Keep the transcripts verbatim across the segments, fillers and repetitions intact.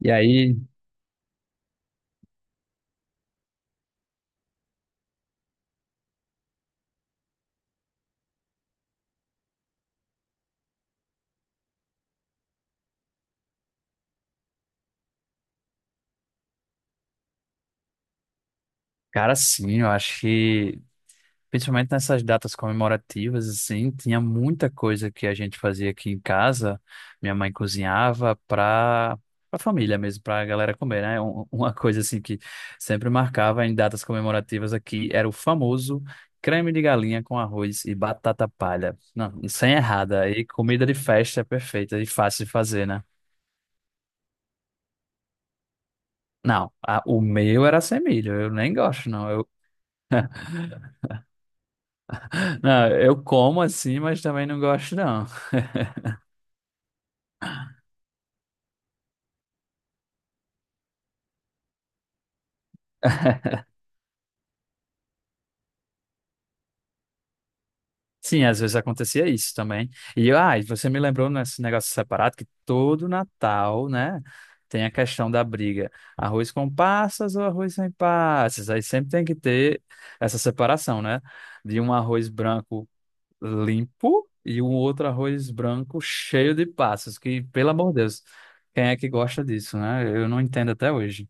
E aí, cara, sim, eu acho que, principalmente nessas datas comemorativas, assim, tinha muita coisa que a gente fazia aqui em casa. Minha mãe cozinhava para a família mesmo, para a galera comer, né? Um- Uma coisa, assim, que sempre marcava em datas comemorativas aqui era o famoso creme de galinha com arroz e batata palha. Não, sem errada. Aí comida de festa é perfeita e fácil de fazer, né? Não, a- o meu era sem milho, eu nem gosto, não. Não, eu como assim, mas também não gosto, não. Sim, às vezes acontecia isso também. E, ah, e você me lembrou nesse negócio separado que todo Natal, né, tem a questão da briga. Arroz com passas ou arroz sem passas? Aí sempre tem que ter essa separação, né? De um arroz branco limpo e um outro arroz branco cheio de passas, que, pelo amor de Deus, quem é que gosta disso, né? Eu não entendo até hoje.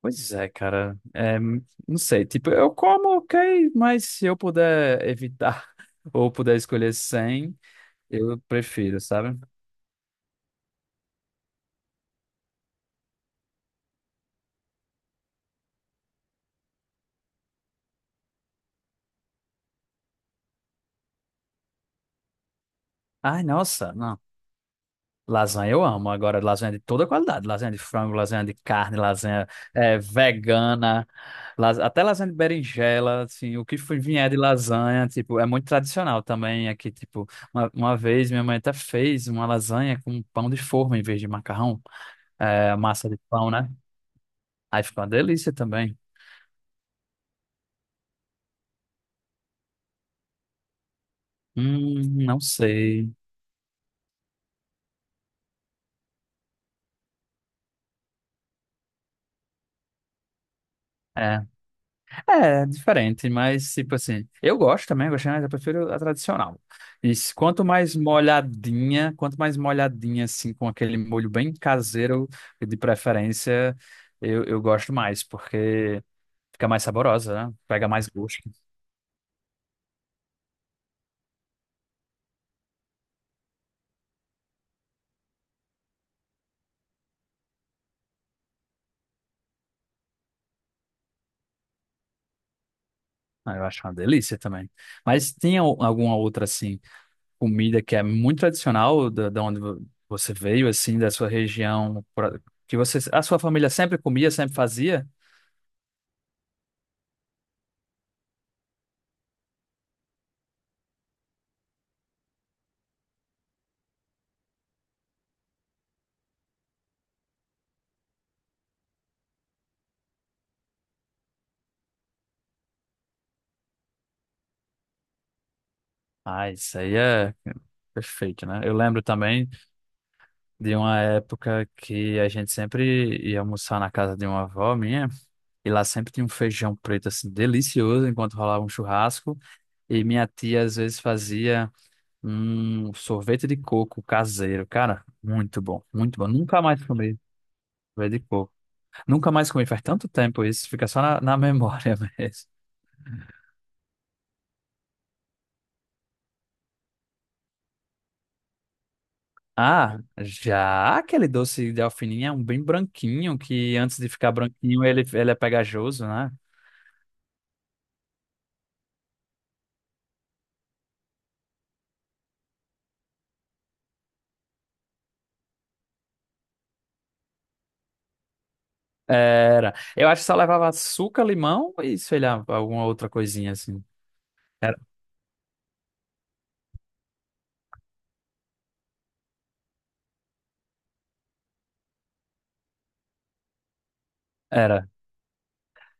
Pois é, cara. É, não sei, tipo, eu como, ok, mas se eu puder evitar ou puder escolher sem, eu prefiro, sabe? Ai, nossa, não. Lasanha eu amo. Agora, lasanha de toda qualidade. Lasanha de frango, lasanha de carne, lasanha é, vegana, las- até lasanha de berinjela, assim, o que for- vier de lasanha, tipo, é muito tradicional também aqui, tipo, uma, uma vez minha mãe até fez uma lasanha com pão de forma em vez de macarrão, é, massa de pão, né? Aí fica uma delícia também. Hum, não sei. É, é diferente, mas tipo assim, eu gosto também, gostei, mas eu prefiro a tradicional. E se- quanto mais molhadinha, quanto mais molhadinha assim, com aquele molho bem caseiro, de preferência, eu, eu gosto mais, porque fica mais saborosa, né? Pega mais gosto. Ah, eu acho uma delícia também. Mas tinha o- alguma outra assim? Comida que é muito tradicional da, da onde vo- você veio, assim, da sua região, pra- que você, a sua família sempre comia, sempre fazia? Ah, isso aí é perfeito, né? Eu lembro também de uma época que a gente sempre ia almoçar na casa de uma avó minha, e lá sempre tinha um feijão preto, assim, delicioso, enquanto rolava um churrasco, e minha tia às vezes fazia um sorvete de coco caseiro, cara, muito bom, muito bom, nunca mais comi sorvete de coco. Nunca mais comi, faz tanto tempo isso, fica só na, na memória mesmo. Ah, já aquele doce de alfininha é um bem branquinho, que antes de ficar branquinho ele, ele é pegajoso, né? Era. Eu acho que só levava açúcar, limão e, sei lá, alguma outra coisinha assim. Era. Era.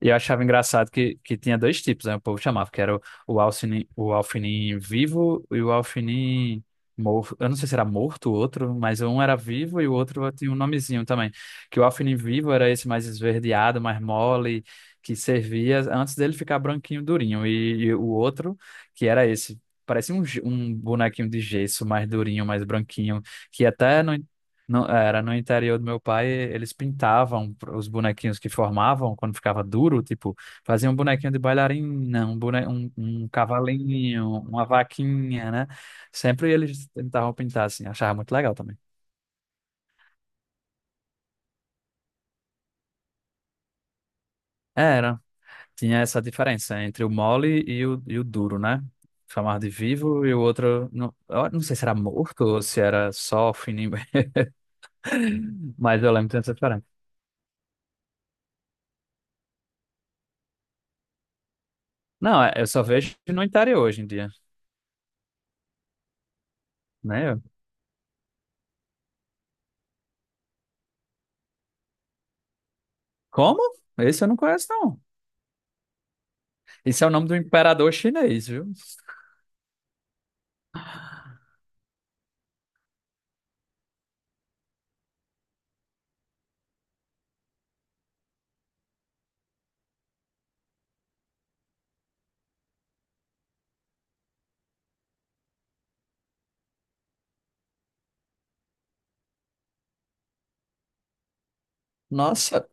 E eu achava engraçado que, que tinha dois tipos, né? O povo chamava, que era o, o Alcinin, o Alfinin vivo e o Alfinin morto. Eu não sei se era morto o outro, mas um era vivo e o outro tinha um nomezinho também. Que o Alfinin vivo era esse mais esverdeado, mais mole, que servia antes dele ficar branquinho, durinho. E, e o outro, que era esse, parecia um, ge- um bonequinho de gesso, mais durinho, mais branquinho, que até no no- era no interior do meu pai, eles pintavam os bonequinhos que formavam quando ficava duro, tipo, faziam um bonequinho de bailarina, um, bone, um, um cavalinho, uma vaquinha, né? Sempre eles tentavam pintar assim, achava muito legal também. Era, tinha essa diferença entre o mole e o, e o duro, né? Chamava de vivo e o outro, não, eu não sei se era morto ou se era só fininho, mas eu lembro que tinha essa diferença. Não, é, eu só vejo no interior hoje em dia, né? Como? Esse eu não conheço, não. Esse é o nome do imperador chinês, viu? Nossa.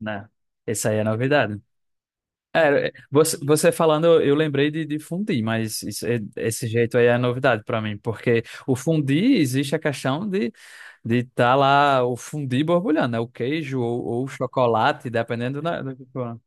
Né? Essa aí é novidade. É, é, você, você falando, eu eu lembrei de, de fundi, mas isso é- esse jeito aí é novidade para mim, porque o fundi existe a questão de de tá lá o fundi borbulhando, né? O queijo ou, ou o chocolate, dependendo da, do que for.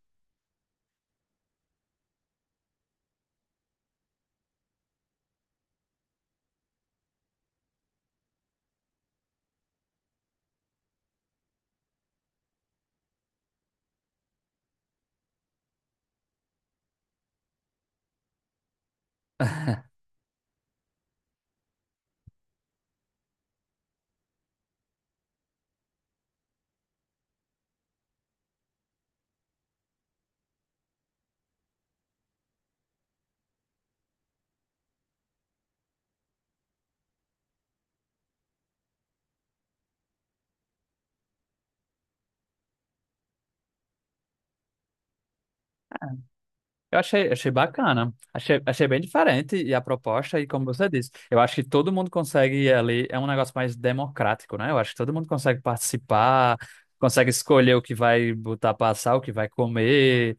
Eu achei, achei bacana. Achei, achei bem diferente e a proposta, e como você disse, eu acho que todo mundo consegue ali, é um negócio mais democrático, né? Eu acho que todo mundo consegue participar, consegue escolher o que vai botar pra assar, o que vai comer,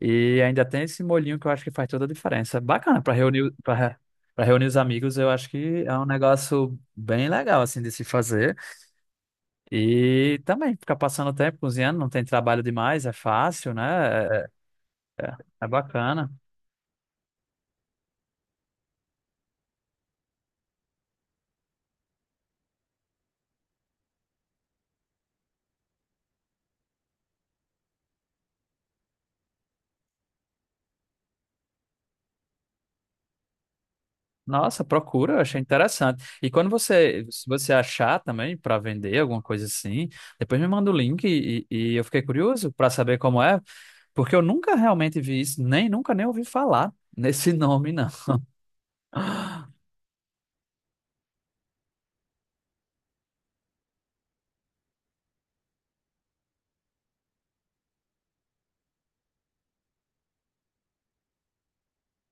e ainda tem esse molhinho que eu acho que faz toda a diferença. Bacana, para reunir, para para reunir os amigos, eu acho que é um negócio bem legal, assim, de se fazer. E também ficar passando o tempo cozinhando, não tem trabalho demais, é fácil, né? É, é é bacana. Nossa, procura, eu achei interessante. E quando você, se você achar também para vender alguma coisa assim, depois me manda o link e, e- e eu fiquei curioso para saber como é, porque eu nunca realmente vi isso, nem nunca nem ouvi falar nesse nome, não.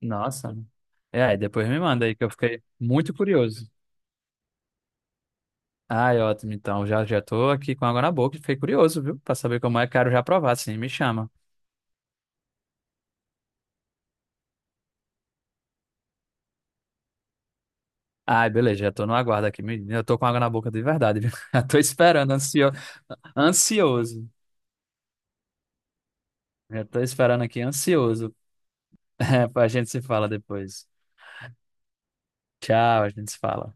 Nossa. É, aí depois me manda aí que eu fiquei muito curioso. Ai, ótimo, então já já tô aqui com água na boca e fiquei curioso, viu? Para saber como é, quero já provar, sim, me chama. Ai, beleza, já tô no aguardo aqui, me- eu tô com água na boca de verdade, viu? Já tô esperando, ansio... ansioso. Já tô esperando aqui, ansioso. A gente se fala depois. Tchau, a gente se fala.